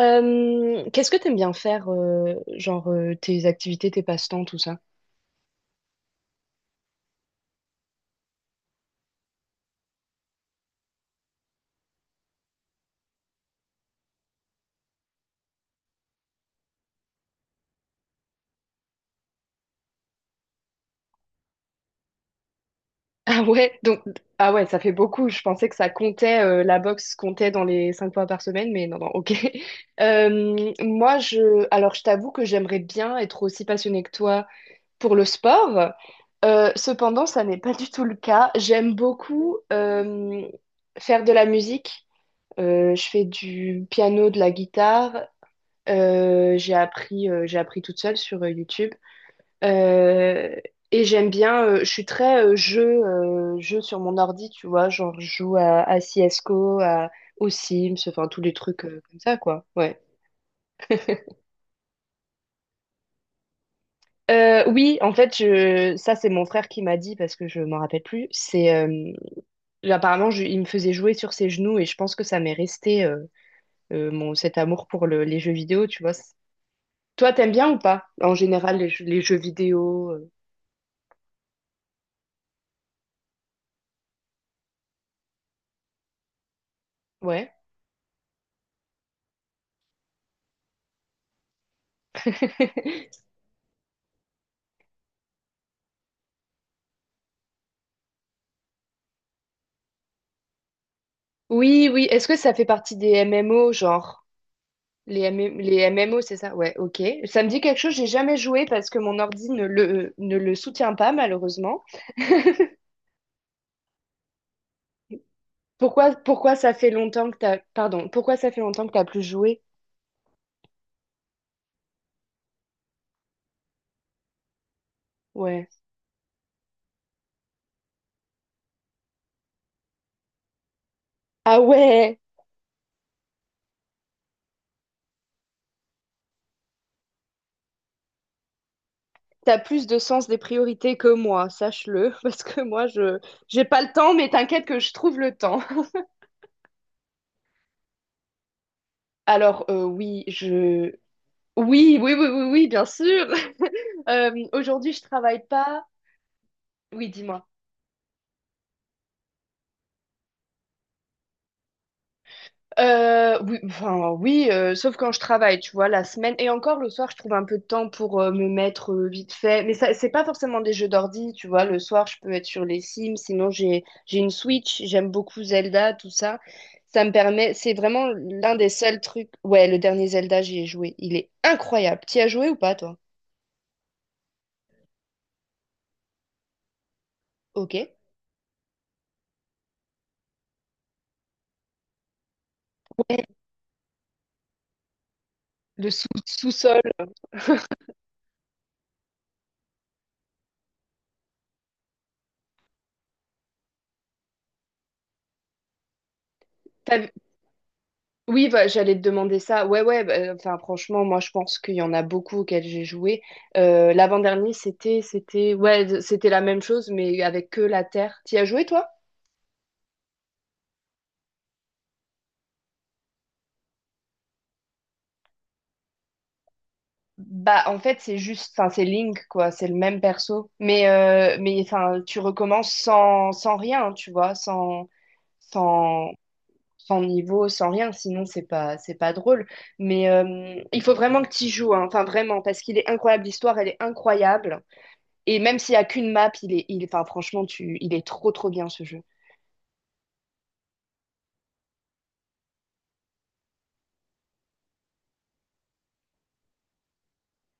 Qu'est-ce que t'aimes bien faire, genre, tes activités, tes passe-temps, tout ça? Ah ouais, donc, ah ouais, ça fait beaucoup. Je pensais que ça comptait, la boxe comptait dans les cinq fois par semaine, mais non, non, ok. Moi, alors je t'avoue que j'aimerais bien être aussi passionnée que toi pour le sport. Cependant, ça n'est pas du tout le cas. J'aime beaucoup faire de la musique. Je fais du piano, de la guitare. J'ai appris toute seule sur YouTube. Euh, et j'aime bien. Je suis très jeu sur mon ordi, tu vois, genre je joue à CSGO, aux Sims, enfin tous les trucs comme ça, quoi. Ouais. Oui, en fait, ça c'est mon frère qui m'a dit parce que je m'en rappelle plus. C'est apparemment il me faisait jouer sur ses genoux et je pense que ça m'est resté, mon cet amour pour les jeux vidéo, tu vois. Toi, t'aimes bien ou pas en général les jeux vidéo? Ouais. Oui, oui. Est-ce que ça fait partie des MMO, genre? Les M M O c'est ça? Ouais, ok. Ça me dit quelque chose, j'ai jamais joué parce que mon ordi ne le soutient pas, malheureusement. Pourquoi ça fait longtemps que Pardon, pourquoi ça fait longtemps que t'as plus joué? Ouais. Ah ouais, t'as plus de sens des priorités que moi, sache-le, parce que moi, je j'ai pas le temps, mais t'inquiète que je trouve le temps. Alors, oui, Oui, oui, oui, oui, oui, bien sûr. Aujourd'hui, je travaille pas. Oui, dis-moi. Oui, enfin oui, sauf quand je travaille, tu vois, la semaine, et encore le soir, je trouve un peu de temps pour me mettre vite fait. Mais ça, c'est pas forcément des jeux d'ordi, tu vois. Le soir, je peux être sur les Sims. Sinon, j'ai une Switch. J'aime beaucoup Zelda, tout ça. Ça me permet. C'est vraiment l'un des seuls trucs. Ouais, le dernier Zelda, j'y ai joué. Il est incroyable. T'y as joué ou pas, toi? Ok. Ouais, le sous-sol. Oui, bah, j'allais te demander ça. Ouais, ouais, bah, enfin, franchement, moi, je pense qu'il y en a beaucoup auxquels j'ai joué. L'avant-dernier, ouais, c'était la même chose, mais avec que la Terre. T'y as joué, toi? Bah, en fait, c'est juste, enfin, c'est Link, quoi, c'est le même perso. Enfin, tu recommences sans rien, hein, tu vois, sans, sans niveau, sans rien, sinon, c'est pas drôle. Mais il faut vraiment que tu y joues, hein, enfin, vraiment, parce qu'il est incroyable, l'histoire, elle est incroyable. Et même s'il n'y a qu'une map, enfin, franchement, il est trop, trop bien ce jeu.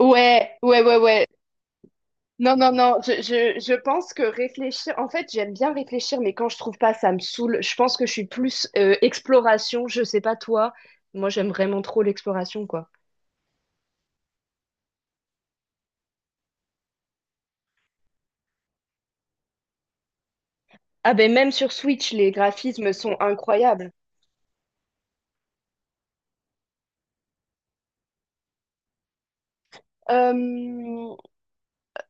Ouais, ouais, ouais, ouais. Non, non, non, je pense que réfléchir, en fait, j'aime bien réfléchir, mais quand je trouve pas, ça me saoule. Je pense que je suis plus exploration, je sais pas toi. Moi, j'aime vraiment trop l'exploration, quoi. Ah ben, même sur Switch, les graphismes sont incroyables. Euh,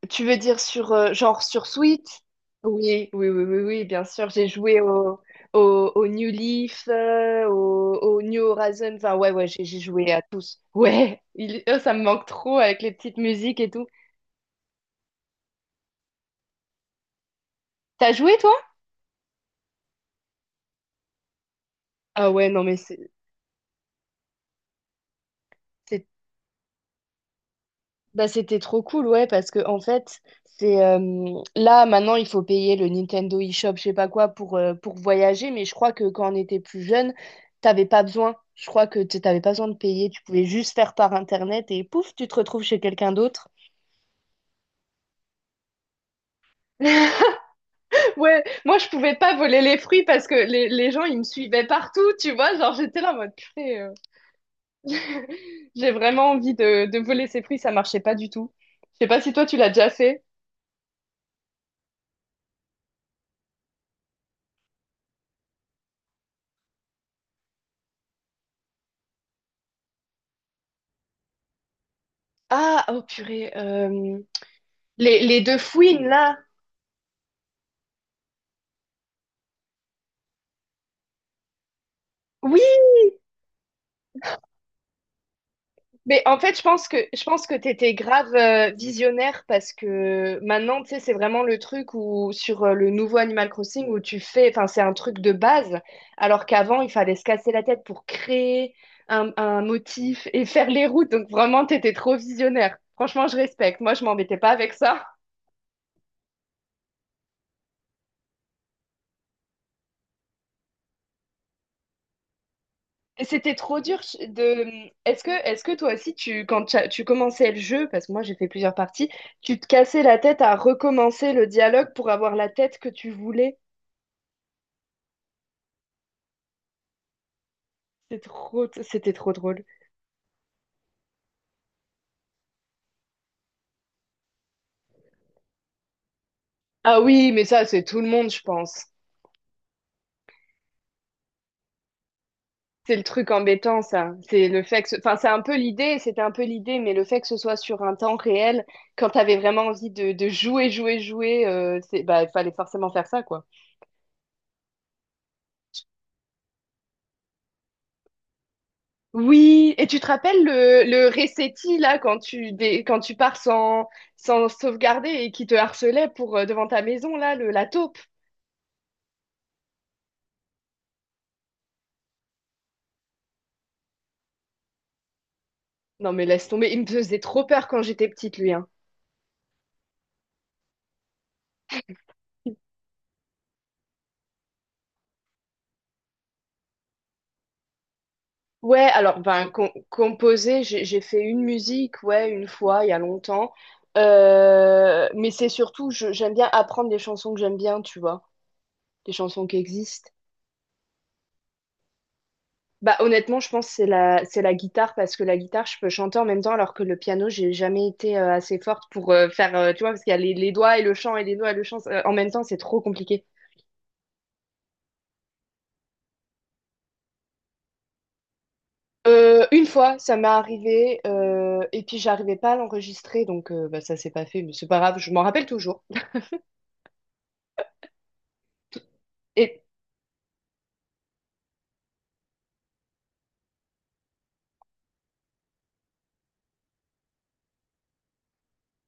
Tu veux dire sur genre sur Switch? Oui, oui, oui, oui, oui, bien sûr. J'ai joué au New Leaf, au New Horizon. Enfin, ouais, ouais, j'ai joué à tous. Ouais, oh, ça me manque trop avec les petites musiques et tout. T'as joué, toi? Ah ouais, non, mais c'est. Bah, c'était trop cool, ouais, parce que en fait, c'est là maintenant il faut payer le Nintendo eShop, je sais pas quoi, pour voyager, mais je crois que quand on était plus jeune, t'avais pas besoin. Je crois que t'avais pas besoin de payer, tu pouvais juste faire par internet et pouf, tu te retrouves chez quelqu'un d'autre. Ouais, moi je pouvais pas voler les fruits parce que les gens ils me suivaient partout, tu vois, genre j'étais là en mode purée, j'ai vraiment envie de voler ces fruits, ça marchait pas du tout. Je sais pas si toi tu l'as déjà fait. Ah, oh purée, les deux fouines là. Oui, mais en fait, je pense que t'étais grave visionnaire parce que maintenant, tu sais, c'est vraiment le truc où sur le nouveau Animal Crossing où tu fais, enfin, c'est un truc de base, alors qu'avant, il fallait se casser la tête pour créer un motif et faire les routes. Donc vraiment, t'étais trop visionnaire. Franchement, je respecte. Moi, je m'embêtais pas avec ça. C'était trop dur de. Est-ce que toi aussi, quand tu commençais le jeu, parce que moi j'ai fait plusieurs parties, tu te cassais la tête à recommencer le dialogue pour avoir la tête que tu voulais? C'était trop drôle. Ah oui, mais ça, c'est tout le monde, je pense. C'est le truc embêtant, ça. C'est le fait que, enfin, c'est un peu l'idée, c'était un peu l'idée, mais le fait que ce soit sur un temps réel, quand t'avais vraiment envie de jouer, jouer, jouer, bah, il fallait forcément faire ça, quoi. Oui, et tu te rappelles le Resetti, là, quand quand tu pars sans sauvegarder et qui te harcelait devant ta maison, là, la taupe. Non, mais laisse tomber, il me faisait trop peur quand j'étais petite, lui, hein. Ouais, alors, ben, composer, j'ai fait une musique, ouais, une fois, il y a longtemps. Mais c'est surtout, j'aime bien apprendre des chansons que j'aime bien, tu vois, des chansons qui existent. Bah, honnêtement, je pense que c'est la guitare parce que la guitare, je peux chanter en même temps alors que le piano, j'ai jamais été assez forte pour tu vois, parce qu'il y a les doigts et le chant et les doigts et le chant en même temps, c'est trop compliqué. Une fois, ça m'est arrivé et puis j'arrivais pas à l'enregistrer donc bah, ça s'est pas fait, mais c'est pas grave, je m'en rappelle toujours. Et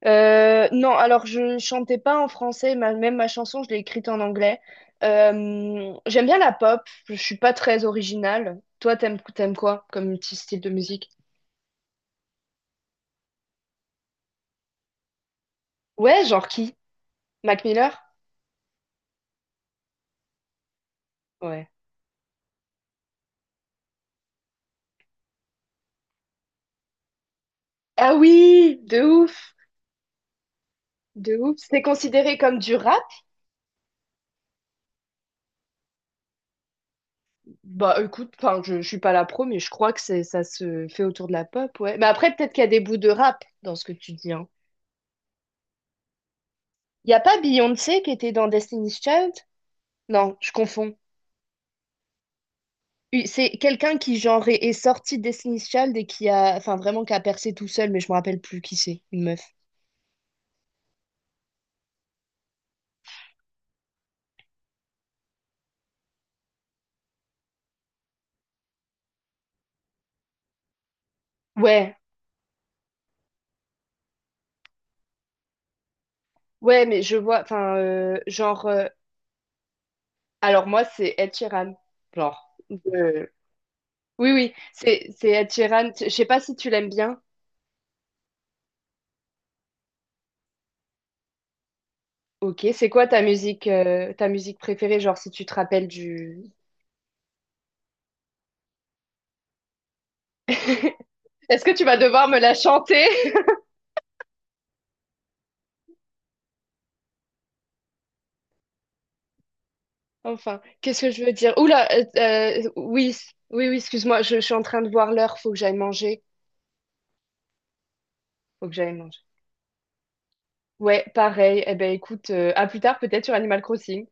non, alors je chantais pas en français, même ma chanson, je l'ai écrite en anglais. J'aime bien la pop, je suis pas très originale. Toi, t'aimes quoi comme petit style de musique? Ouais, genre qui? Mac Miller? Ouais. Ah oui, de ouf, de ouf. C'est considéré comme du rap? Bah écoute, enfin je suis pas la pro, mais je crois que c'est ça se fait autour de la pop, ouais. Mais après peut-être qu'il y a des bouts de rap dans ce que tu dis, hein. Y a pas Beyoncé qui était dans Destiny's Child? Non, je confonds. Oui, c'est quelqu'un qui genre est sorti de Destiny's Child et qui a, enfin vraiment qui a percé tout seul, mais je me rappelle plus qui c'est, une meuf. Ouais, ouais, mais je vois, enfin genre, alors moi c'est Ed Sheeran, genre. euh, Oui, oui, c'est Ed Sheeran. Je sais pas si tu l'aimes bien. Ok, c'est quoi ta musique préférée, genre si tu te rappelles du... Est-ce que tu vas devoir me la chanter? Enfin, qu'est-ce que je veux dire? Oula, oui, oui, oui, excuse-moi, je suis en train de voir l'heure, faut que j'aille manger. Faut que j'aille manger. Ouais, pareil. Eh ben écoute, à plus tard peut-être sur Animal Crossing.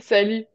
Salut.